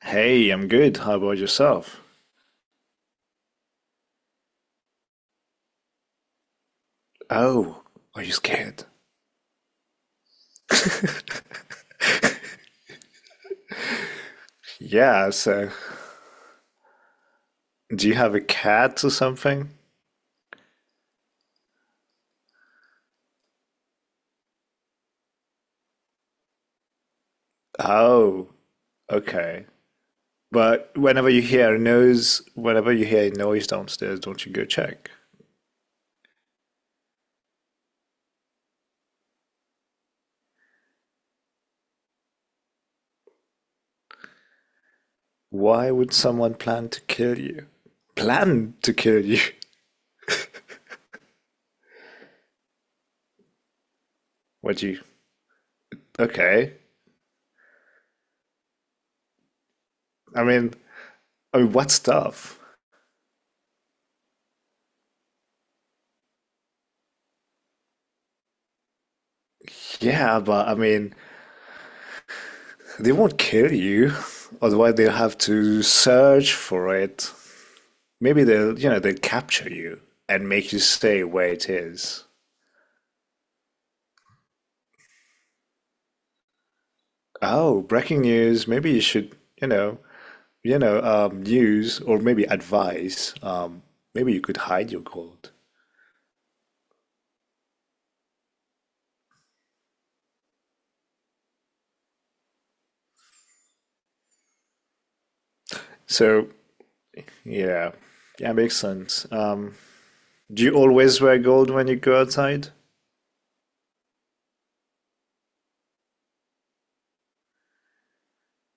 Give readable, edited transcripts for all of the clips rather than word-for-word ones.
Hey, I'm good. How about yourself? Oh, are you scared? Yeah, so do you have a cat or something? Oh, okay. But whenever you hear a noise, downstairs, don't you go check? Why would someone plan to kill you? Plan to kill you? What you? Okay. I mean, I mean, what stuff? Yeah, but I mean, they won't kill you. Otherwise, they'll have to search for it. Maybe they'll, they'll capture you and make you stay where it is. Oh, breaking news. Maybe you should, news or maybe advice. Maybe you could hide your gold. So, yeah, yeah, makes sense. Do you always wear gold when you go outside?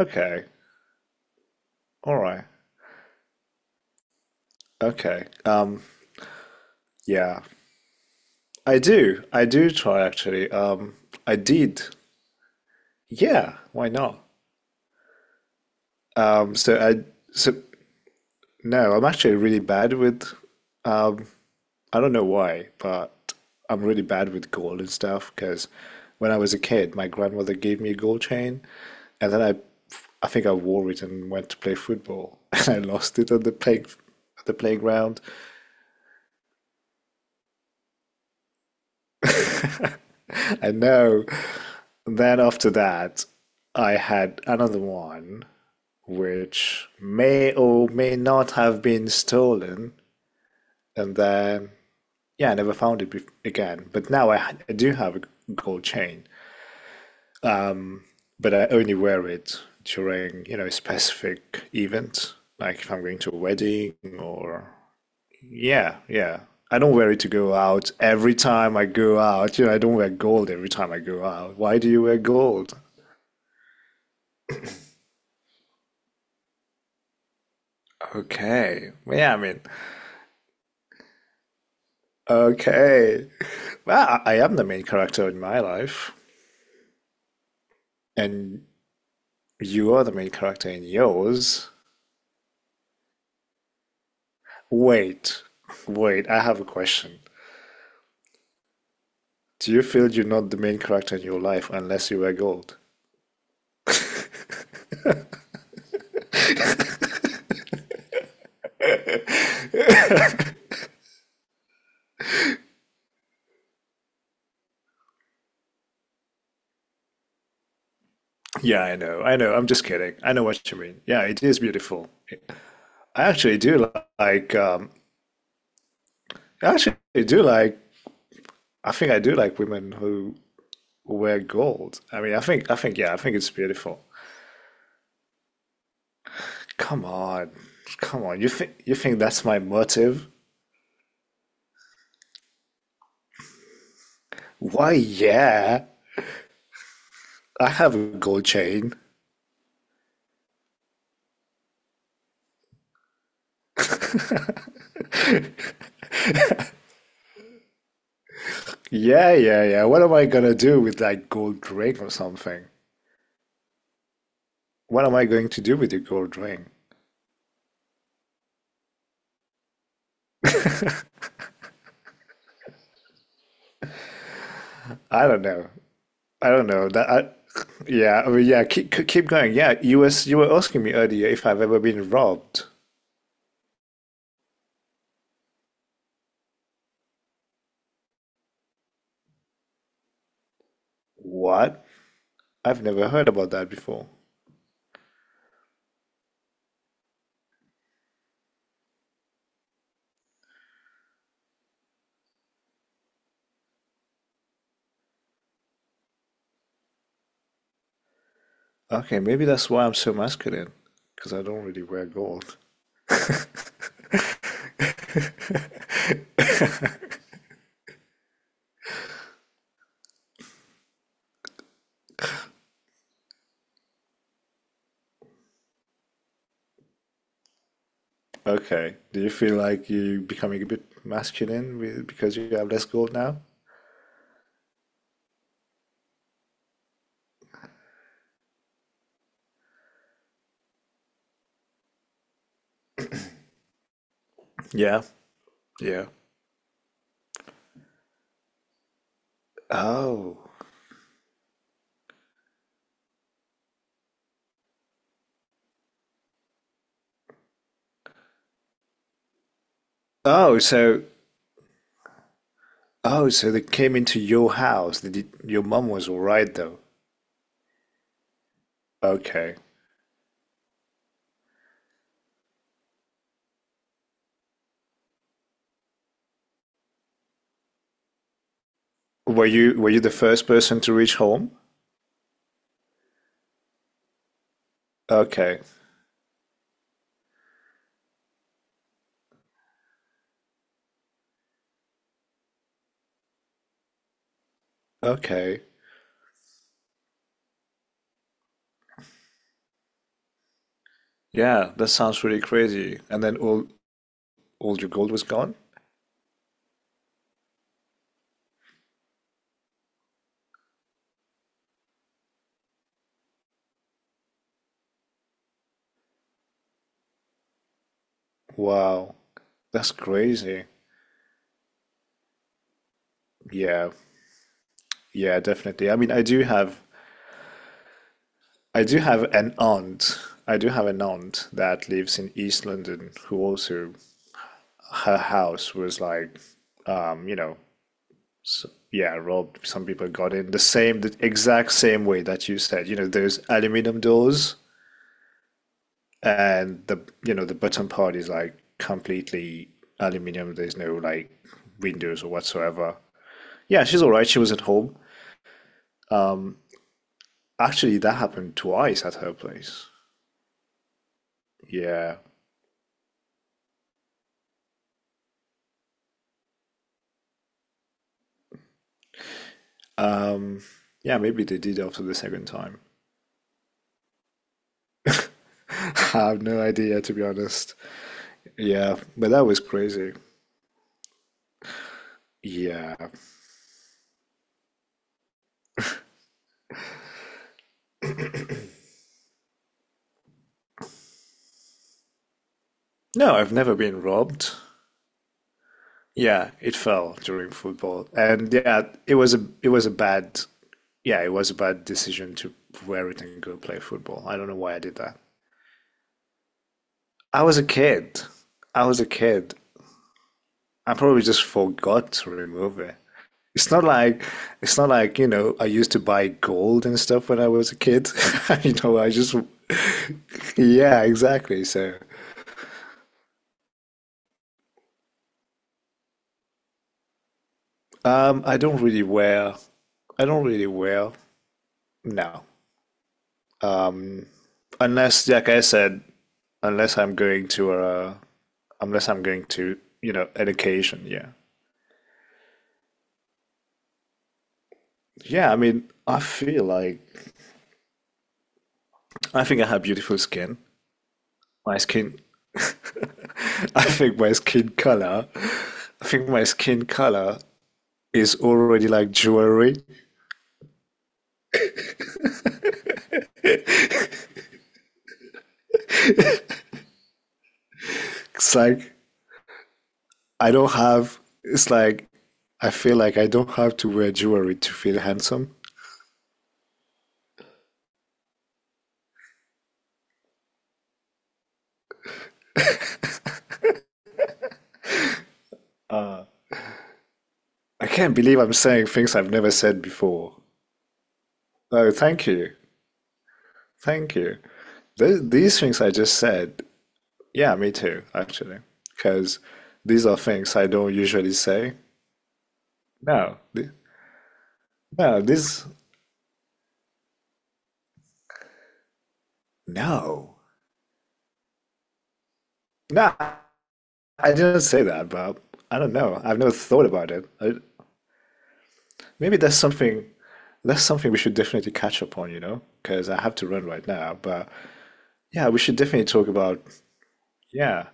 Okay, all right, okay. Yeah, I do. I do try actually. I did. Yeah, why not? Um, so I so no, I'm actually really bad with, um, I don't know why, but I'm really bad with gold and stuff because when I was a kid, my grandmother gave me a gold chain, and then I think I wore it and went to play football, and I lost it at the play, at the playground. And no, then after that, I had another one, which may or may not have been stolen, and then yeah, I never found again. But now I do have a gold chain, but I only wear it during, you know, specific events, like if I'm going to a wedding or yeah, yeah. I don't wear it to go out every time I go out. You know, I don't wear gold every time I go out. Why do you wear gold? Okay. Well, yeah, I mean, okay. Well, I am the main character in my life, and you are the main character in yours. Wait, wait, I have a question. Do you feel you're not the main character in your life unless you wear gold? Yeah, I know, I know. I'm just kidding. I know what you mean. Yeah, it is beautiful. I actually do like, I actually do like, I do like women who wear gold. I mean, yeah, I think it's beautiful. Come on, come on. You think that's my motive? Why, yeah, I have a gold chain. Yeah, yeah, yeah. What am I gonna do with that gold ring or something? What am I going to do with your gold ring? I don't know. I don't know that. I, yeah, I mean, yeah. Keep going. Yeah, you were asking me earlier if I've ever been robbed. What? I've never heard about that before. Okay, maybe that's why I'm so masculine, because I don't really wear gold. Okay. Do you feel like you are becoming a bit masculine with, because you have less gold now? Yeah. Yeah. Oh. Oh, so oh, so they came into your house. They did, your mom was all right though. Okay. Were you the first person to reach home? Okay. Okay. Yeah, that sounds really crazy. And then all your gold was gone? Wow. That's crazy. Yeah. Yeah, definitely. I mean, I do have an aunt. I do have an aunt that lives in East London who also her house was like you know, so, yeah, Rob, some people got in the exact same way that you said. You know, there's aluminum doors, and the you know the bottom part is like completely aluminum. There's no like windows or whatsoever. Yeah, she's all right. She was at home. Um, Actually, that happened twice at her place. Yeah. Um, yeah, maybe they did after the second time. I have no idea, to be honest. Yeah, but that was crazy. Yeah. No, I've never been robbed. Yeah, it fell during football. And yeah, it was a bad yeah, it was a bad decision to wear it and go play football. I don't know why I did that. I was a kid. I was a kid. I probably just forgot to remove it. It's not like it's not like, you know, I used to buy gold and stuff when I was a kid. You know, I just yeah, exactly. So, I don't really wear no. Um, Unless like I said unless I'm going to unless I'm going to, you know, education, yeah. Yeah, I mean, I feel like I think I have beautiful skin. My skin I think my skin color is already like jewelry. It's like I don't have it's like I feel like I don't have to wear jewelry to feel handsome. I can't believe I'm saying things I've never said before. Oh, thank you. Thank you. Th these things I just said yeah, me too, actually, because these are things I don't usually say. No, th- no, this, no, no, I didn't say that, but I don't know. I've never thought about it. I, maybe that's that's something we should definitely catch up on, you know, because I have to run right now. But yeah, we should definitely talk about, yeah,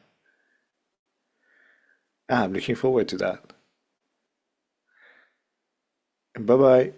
ah, I'm looking forward to that. Bye bye.